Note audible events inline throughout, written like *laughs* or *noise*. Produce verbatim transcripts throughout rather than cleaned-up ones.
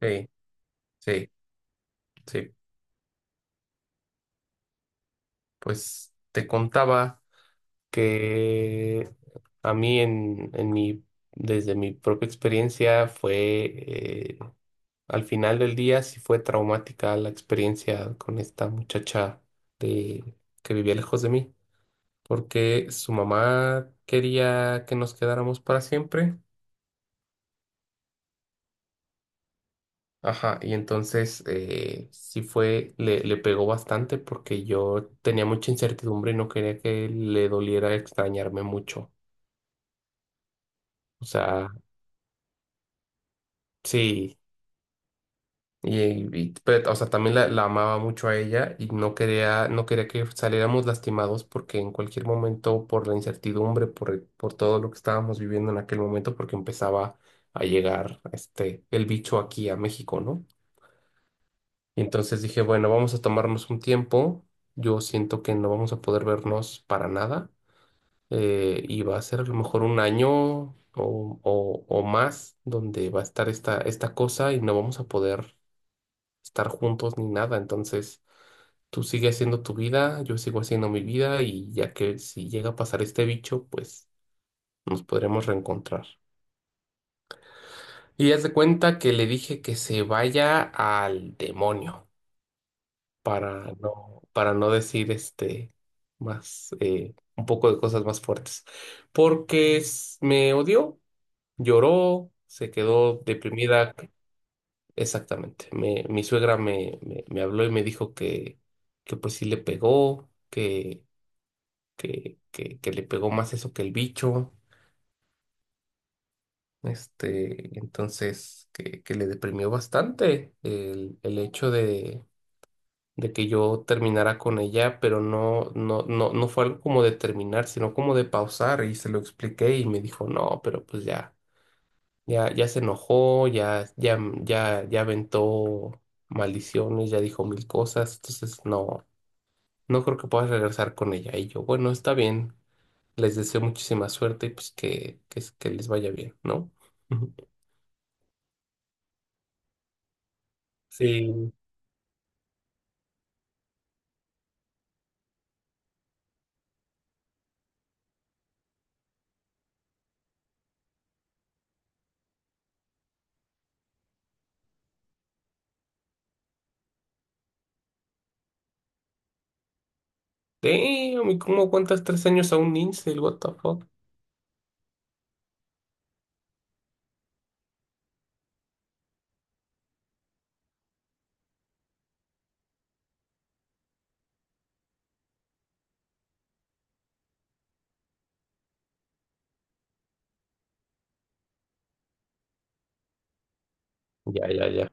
Sí, sí, sí. Pues te contaba que a mí en, en mi, desde mi propia experiencia fue, eh, al final del día sí fue traumática la experiencia con esta muchacha de, que vivía lejos de mí, porque su mamá quería que nos quedáramos para siempre. Ajá, y entonces eh, sí fue, le, le pegó bastante porque yo tenía mucha incertidumbre y no quería que le doliera extrañarme mucho. O sea, sí, y, y- pero, o sea, también la, la amaba mucho a ella y no quería, no quería que saliéramos lastimados porque en cualquier momento, por la incertidumbre, por, por todo lo que estábamos viviendo en aquel momento, porque empezaba a llegar este, el bicho aquí a México, ¿no? Y entonces dije, bueno, vamos a tomarnos un tiempo. Yo siento que no vamos a poder vernos para nada. eh, y va a ser a lo mejor un año o, o- o más donde va a estar esta, esta cosa y no vamos a poder estar juntos ni nada. Entonces, tú sigue haciendo tu vida, yo sigo haciendo mi vida y ya que si llega a pasar este bicho, pues nos podremos reencontrar. Y haz de cuenta que le dije que se vaya al demonio. para no, para no decir este más eh, un poco de cosas más fuertes. Porque s- me odió, lloró, se quedó deprimida. Exactamente. Me, mi suegra me, me, me habló y me dijo que, que pues sí le pegó, que, que, que, que le pegó más eso que el bicho. Este, entonces, que, que le deprimió bastante el, el hecho de que yo terminara con ella, pero no, no, no, no fue algo como de terminar, sino como de pausar y se lo expliqué y me dijo, no, pero pues ya, ya, ya se enojó, ya, ya, ya, ya aventó maldiciones, ya dijo mil cosas, entonces no, no creo que puedas regresar con ella. Y yo, bueno, está bien, les deseo muchísima suerte y pues que, que, que les vaya bien, ¿no? *laughs* Sí. Damn, ¿y cómo aguantas tres años a un incel? What the fuck? Ya, ya, ya.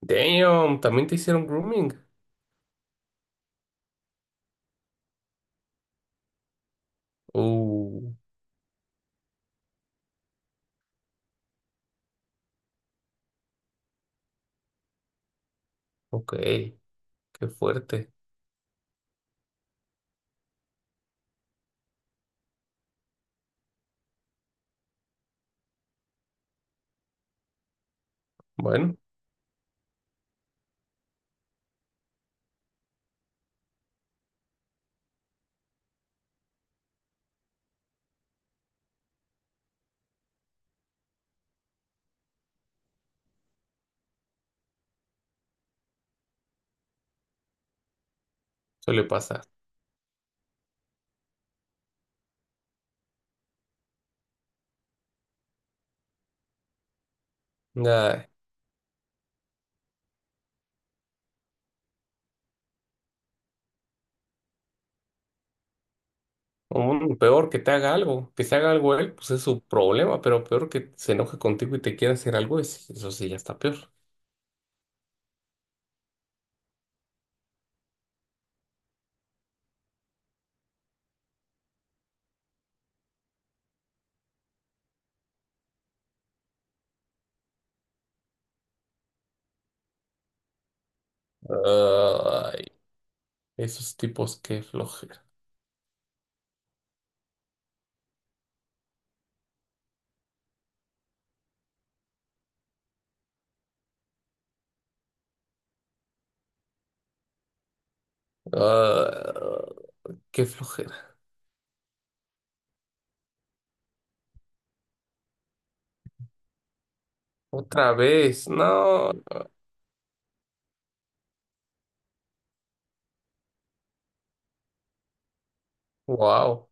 Damn, también te hicieron grooming. Uh, ok, qué fuerte. Bueno, suele pasar. Nada, un- peor que te haga algo, que se haga algo él, pues es su problema, pero peor que se enoje contigo y te quiera hacer algo, es- eso sí ya está peor. Ay, esos tipos, qué flojera. Ah, qué flojera. Otra vez, no. Wow,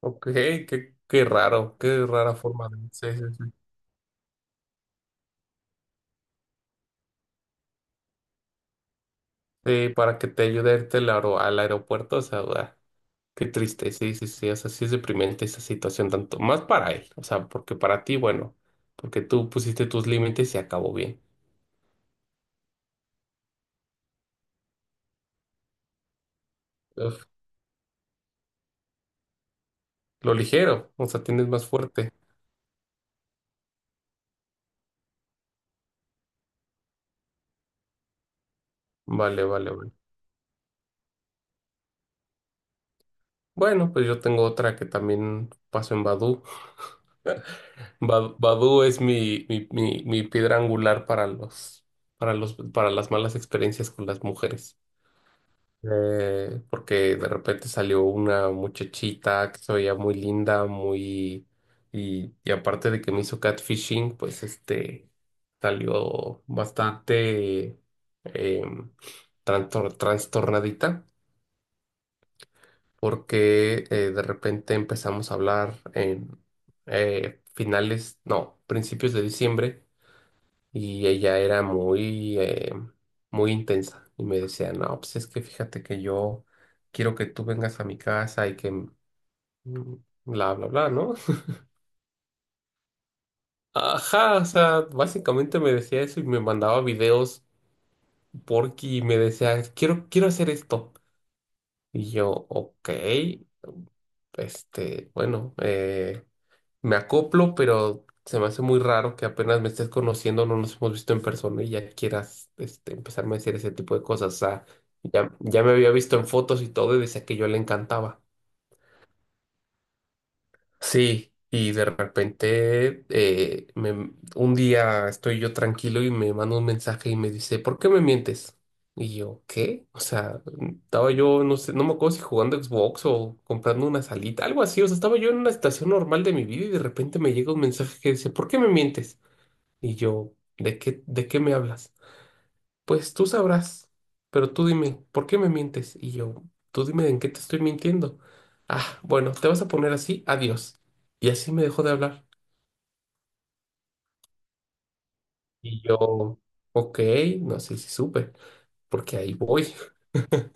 ok, qué, qué raro, qué rara forma de... Sí, sí, sí. Sí, para que te ayude a irte al, aero- al aeropuerto, o sea, ah, qué triste, sí, sí, sí, o sea, sí es deprimente esa situación, tanto más para él, o sea, porque para ti, bueno, porque tú pusiste tus límites y acabó bien. Uf, lo ligero, o sea, tienes más fuerte. Vale, vale, vale. Bueno, pues yo tengo otra que también paso en Badoo. *laughs* Ba- Badoo es mi, mi, mi, mi piedra angular para los, para los, para las malas experiencias con las mujeres. eh, porque de repente salió una muchachita que se veía muy linda, muy... Y, y aparte de que me hizo catfishing, pues este salió bastante em, trantor- trastornadita, porque eh, de repente empezamos a hablar en eh, finales, no, principios de diciembre. Y ella era muy, eh, muy intensa y me decía, no, pues es que fíjate que yo quiero que tú vengas a mi casa y que mm, bla, bla, bla, ¿no? *laughs* Ajá, o sea, básicamente me decía eso y me mandaba videos porque me decía, quiero, quiero hacer esto. Y yo, ok, este, bueno, eh, me acoplo, pero se me hace muy raro que apenas me estés conociendo, no nos hemos visto en persona y ya quieras este, empezarme a decir ese tipo de cosas. O sea, ya, ya me había visto en fotos y todo y decía que yo le encantaba. Sí, y de repente eh, me- un día estoy yo tranquilo y me manda un mensaje y me dice, ¿por qué me mientes? Y yo, ¿qué? O sea, estaba yo, no sé, no me acuerdo si jugando Xbox o comprando una salita, algo así. O sea, estaba yo en una estación normal de mi vida y de repente me llega un mensaje que dice, ¿por qué me mientes? Y yo, ¿de qué, de qué me hablas? Pues tú sabrás, pero tú dime, ¿por qué me mientes? Y yo, tú dime en qué te estoy mintiendo. Ah, bueno, te vas a poner así, adiós. Y así me dejó de hablar. Y yo, ok, no sé si supe, porque ahí voy. *laughs*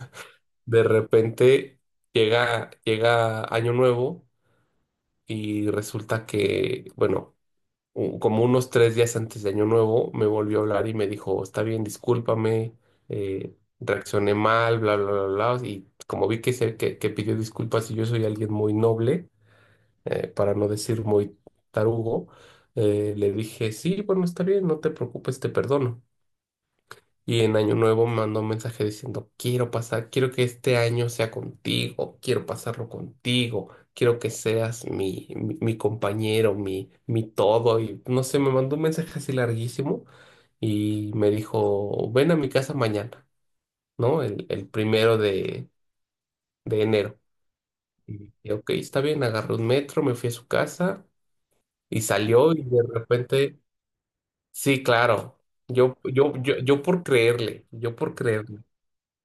De repente llega, llega Año Nuevo y resulta que, bueno, u- como unos tres días antes de Año Nuevo, me volvió a hablar y me dijo, está bien, discúlpame, eh, reaccioné mal, bla, bla, bla, bla. Y como vi que, se, que, que pidió disculpas y yo soy alguien muy noble, eh, para no decir muy tarugo, eh, le dije, sí, bueno, está bien, no te preocupes, te perdono. Y en Año Nuevo me mandó un mensaje diciendo, quiero pasar, quiero que este año sea contigo, quiero pasarlo contigo, quiero que seas mi, mi, mi compañero, mi, mi todo. Y no sé, me mandó un mensaje así larguísimo y me dijo, ven a mi casa mañana, ¿no? El, el primero de, de enero. Y dije, ok, está bien, agarré un metro, me fui a su casa y salió y de repente, sí, claro, yo, yo, yo, yo por creerle, yo por creerle.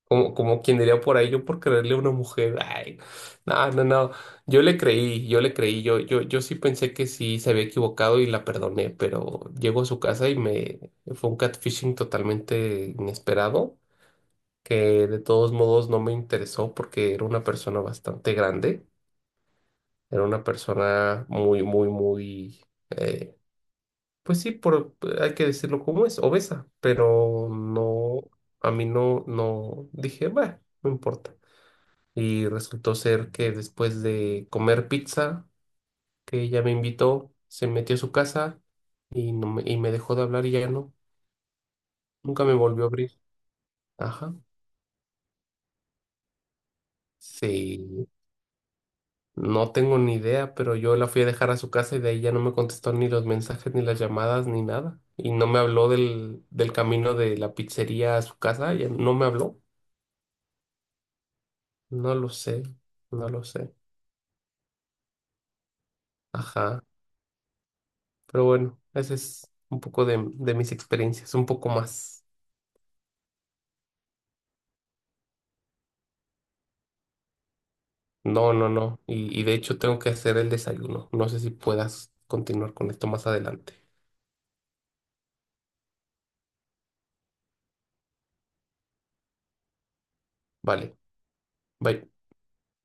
Como, como quien diría por ahí, yo por creerle a una mujer, ay, no, no, no, yo le creí, yo le creí, yo, yo, yo sí pensé que sí se había equivocado y la perdoné, pero llego a su casa y me fue un catfishing totalmente inesperado, que de todos modos no me interesó porque era una persona bastante grande, era una persona muy, muy, muy, eh, pues sí, por, hay que decirlo como es, obesa, pero no, a mí no, no, dije, bueno, no importa y resultó ser que después de comer pizza, que ella me invitó, se metió a su casa y, no me, y me dejó de hablar y ya no, nunca me volvió a abrir. Ajá. Sí, no tengo ni idea, pero yo la fui a dejar a su casa y de ahí ya no me contestó ni los mensajes, ni las llamadas, ni nada. Y no me habló del, del camino de la pizzería a su casa, ya no me habló. No lo sé, no lo sé. Ajá, pero bueno, ese es un poco de, de mis experiencias, un poco más. No, no, no. Y, y de hecho tengo que hacer el desayuno. No sé si puedas continuar con esto más adelante. Vale. Bye.